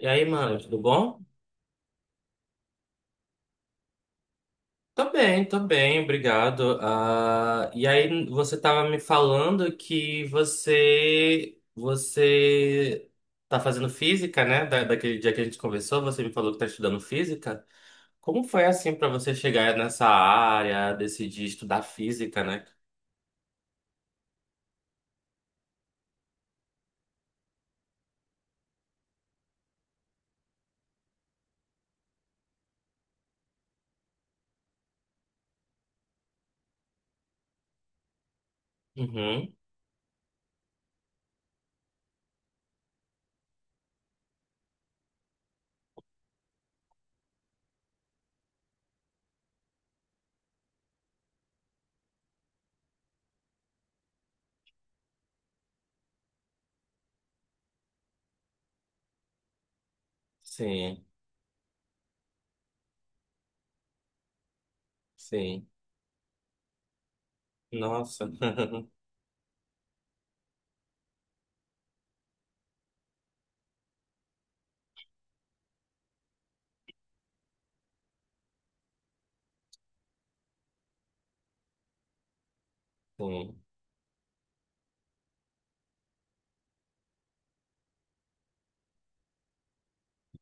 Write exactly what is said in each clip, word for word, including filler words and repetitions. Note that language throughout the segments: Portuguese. E aí, mano, tudo bom? Tô bem, tô bem, obrigado. Ah, e aí, você tava me falando que você você tá fazendo física, né? Da, daquele dia que a gente conversou, você me falou que tá estudando física. Como foi assim pra você chegar nessa área, decidir estudar física, né? Uhum, sim, sim. Nossa. Sim.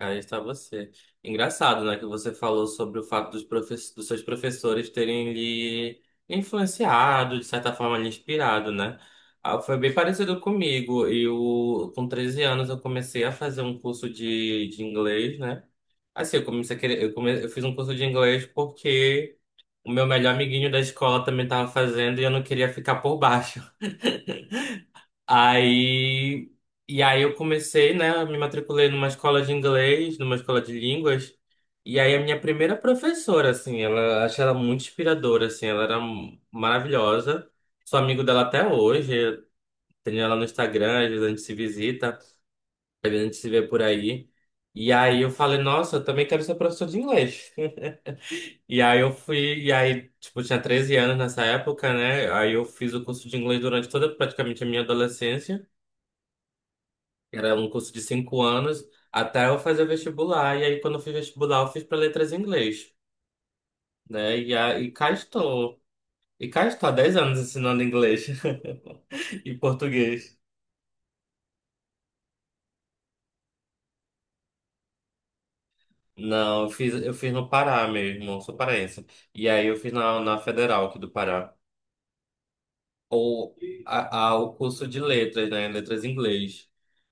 Aí está você. Engraçado, né, que você falou sobre o fato dos, profe- dos seus professores terem lhe influenciado, de certa forma, lhe inspirado, né? Ah, foi bem parecido comigo. Eu, com treze anos, eu comecei a fazer um curso de, de inglês, né? Assim, eu comecei a querer, eu, come, eu fiz um curso de inglês porque o meu melhor amiguinho da escola também estava fazendo e eu não queria ficar por baixo. Aí, e aí eu comecei, né? Me matriculei numa escola de inglês, numa escola de línguas. E aí a minha primeira professora, assim, ela achei ela muito inspiradora, assim, ela era m- maravilhosa. Sou amigo dela até hoje, tenho ela no Instagram, às vezes a gente se visita, às vezes a gente se vê por aí. E aí eu falei, nossa, eu também quero ser professor de inglês. E aí eu fui, e aí, tipo, eu tinha treze anos nessa época, né? Aí eu fiz o curso de inglês durante toda praticamente a minha adolescência. Era um curso de cinco anos até eu fazer vestibular. E aí, quando eu fiz vestibular, eu fiz para letras em inglês, né? E, a, e cá estou. E cá estou há dez anos ensinando inglês e português. Não, eu fiz, eu fiz no Pará mesmo, sou paraense. E aí eu fiz na, na Federal aqui do Pará. Ou a, a- o curso de letras, né? Letras em inglês.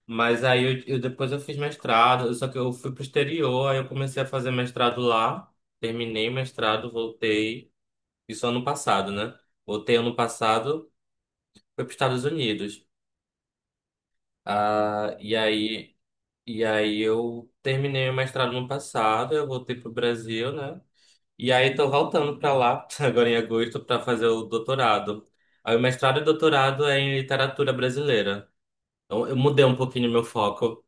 Mas aí eu, eu- depois eu fiz mestrado, só que eu fui pro exterior, aí eu comecei a fazer mestrado lá, terminei mestrado, voltei. Isso ano passado, né? Voltei ano passado, fui para os Estados Unidos. Ah, e aí, e aí eu terminei o mestrado no passado, eu voltei pro Brasil, né? E aí tô voltando para lá, agora em agosto, para fazer o doutorado. Aí o mestrado e doutorado é em literatura brasileira. Então eu mudei um pouquinho o meu foco.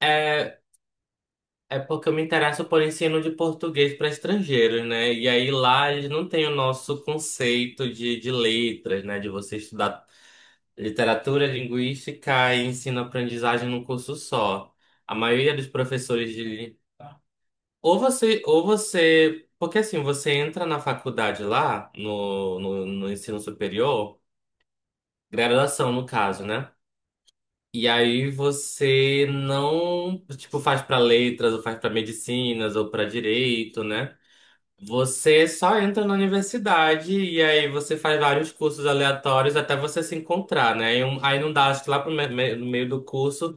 É, é porque eu me interesso por ensino de português para estrangeiros, né? E aí lá eles não têm o nosso conceito de, de letras, né? De você estudar. Literatura, linguística e ensino-aprendizagem num curso só. A maioria dos professores de. Li- Ou você, ou você. Porque assim, você entra na faculdade lá, no, no, no ensino superior, graduação no caso, né? E aí você não, tipo, faz para letras, ou faz para medicinas, ou para direito, né? Você só entra na universidade e aí você faz vários cursos aleatórios até você se encontrar, né? E um- Aí não dá, acho que lá pro me- me- no meio do curso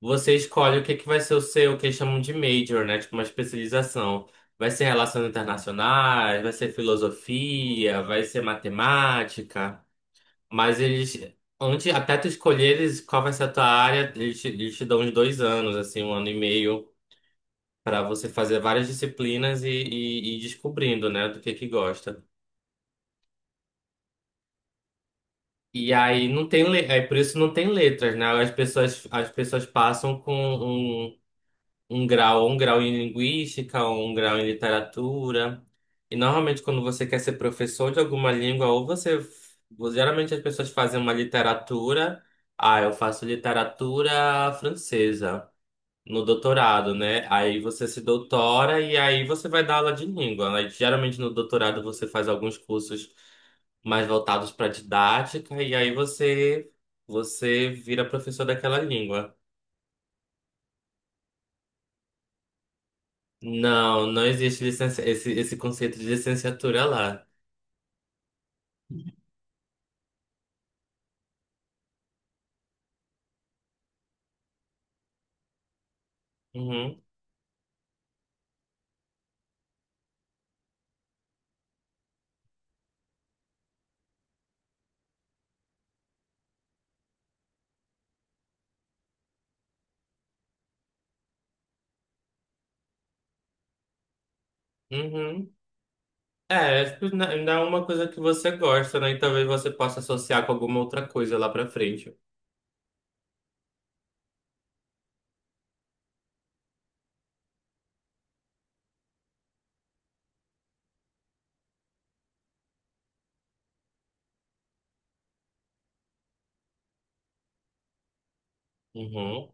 você escolhe o que que vai ser o seu, o que eles chamam de major, né? Tipo uma especialização. Vai ser relações internacionais, vai ser filosofia, vai ser matemática. Mas eles, antes, até tu escolheres qual vai ser a tua área, eles te, eles te dão uns dois anos, assim, um ano e meio para você fazer várias disciplinas e, e, e ir descobrindo, né, do que que gosta. E aí não tem le... é por isso não tem letras, né? As pessoas as pessoas passam com um, um grau, um grau em linguística, um grau em literatura. E normalmente quando você quer ser professor de alguma língua, ou você geralmente as pessoas fazem uma literatura, ah, eu faço literatura francesa. No doutorado, né? Aí você se doutora e aí você vai dar aula de língua. Aí, geralmente no doutorado você faz alguns cursos mais voltados para didática e aí você você vira professor daquela língua. Não, não existe licença, esse, esse conceito de licenciatura lá. Uhum, uhum. É, acho que não não é uma coisa que você gosta, né? E talvez você possa associar com alguma outra coisa lá pra frente. Uhum,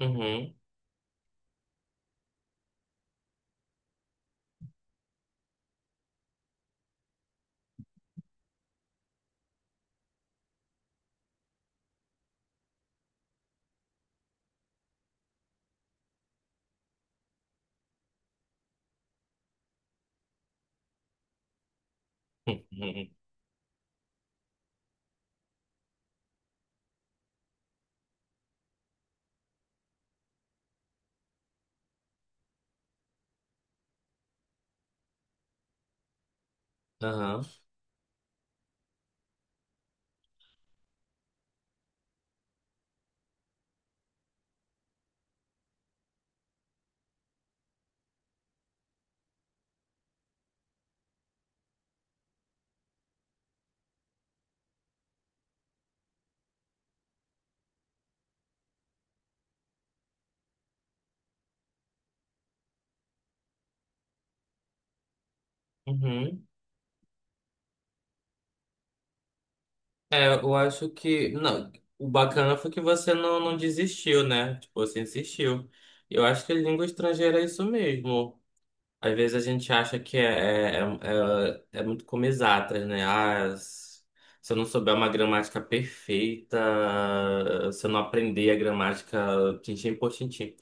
uhum, uhum, uhum, uhum. É, eu acho que. Não, o bacana foi que você não, não desistiu, né? Tipo, você insistiu. Eu acho que língua estrangeira é isso mesmo. Às vezes a gente acha que é, é, é, é é muito como exatas, né? Ah, s- se eu não souber uma gramática perfeita, se eu não aprender a gramática tintim por tintim.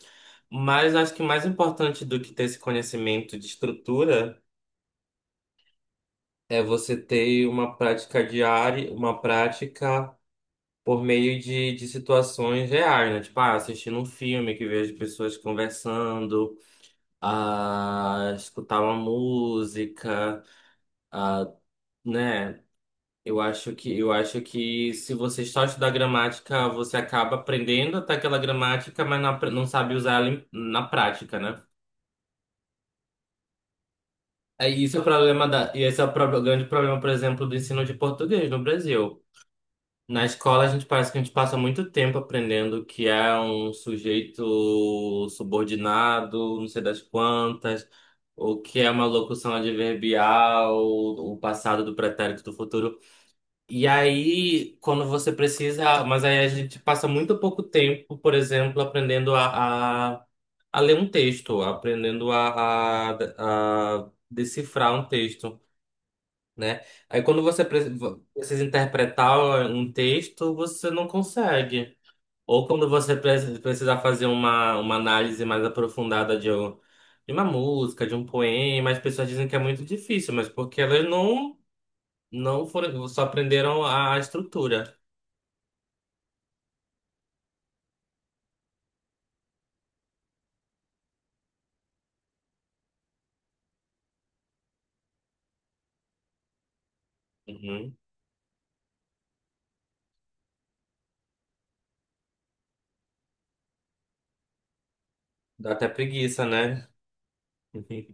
Mas acho que mais importante do que ter esse conhecimento de estrutura é você ter uma prática diária, uma prática por meio de, de situações reais, né? Tipo, ah, assistindo um filme que vejo pessoas conversando, a escutar uma música, a, né? Eu acho que eu acho que se você só estudar gramática, você acaba aprendendo até aquela gramática, mas não, apre- não sabe usar ela em- na prática, né? É. Isso é o problema da, e esse é o pro- grande problema, por exemplo, do ensino de português no Brasil. Na escola, a gente parece que a gente passa muito tempo aprendendo que é um sujeito subordinado, não sei das quantas, o que é uma locução adverbial, o passado do pretérito do futuro. E aí, quando você precisa. Mas aí a gente passa muito pouco tempo, por exemplo, aprendendo a, a, a ler um texto, aprendendo a, a, a decifrar um texto, né? Aí quando você pre- precisa interpretar um texto, você não consegue. Ou quando você pre- precisar fazer uma, uma análise mais aprofundada de, um- de uma música, de um poema, as pessoas dizem que é muito difícil, mas porque elas não, não foram, só aprenderam a, a estrutura. Uhum. Dá até preguiça, né?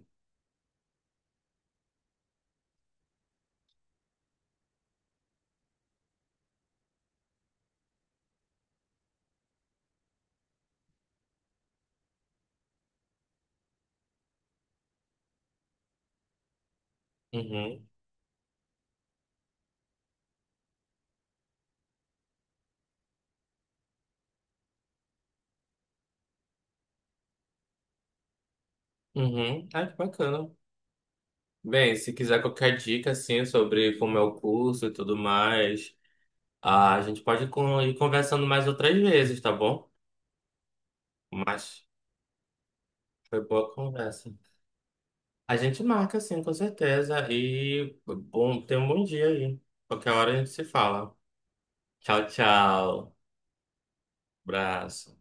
Uhum. Uhum. Ah, que bacana. Bem, se quiser qualquer dica, assim, sobre como é o curso e tudo mais, ah, a gente pode con- ir conversando mais outras vezes, tá bom? Mas foi boa a conversa. A gente marca, sim, com certeza. E bom, tenha um bom dia aí. Qualquer hora a gente se fala. Tchau, tchau. Abraço.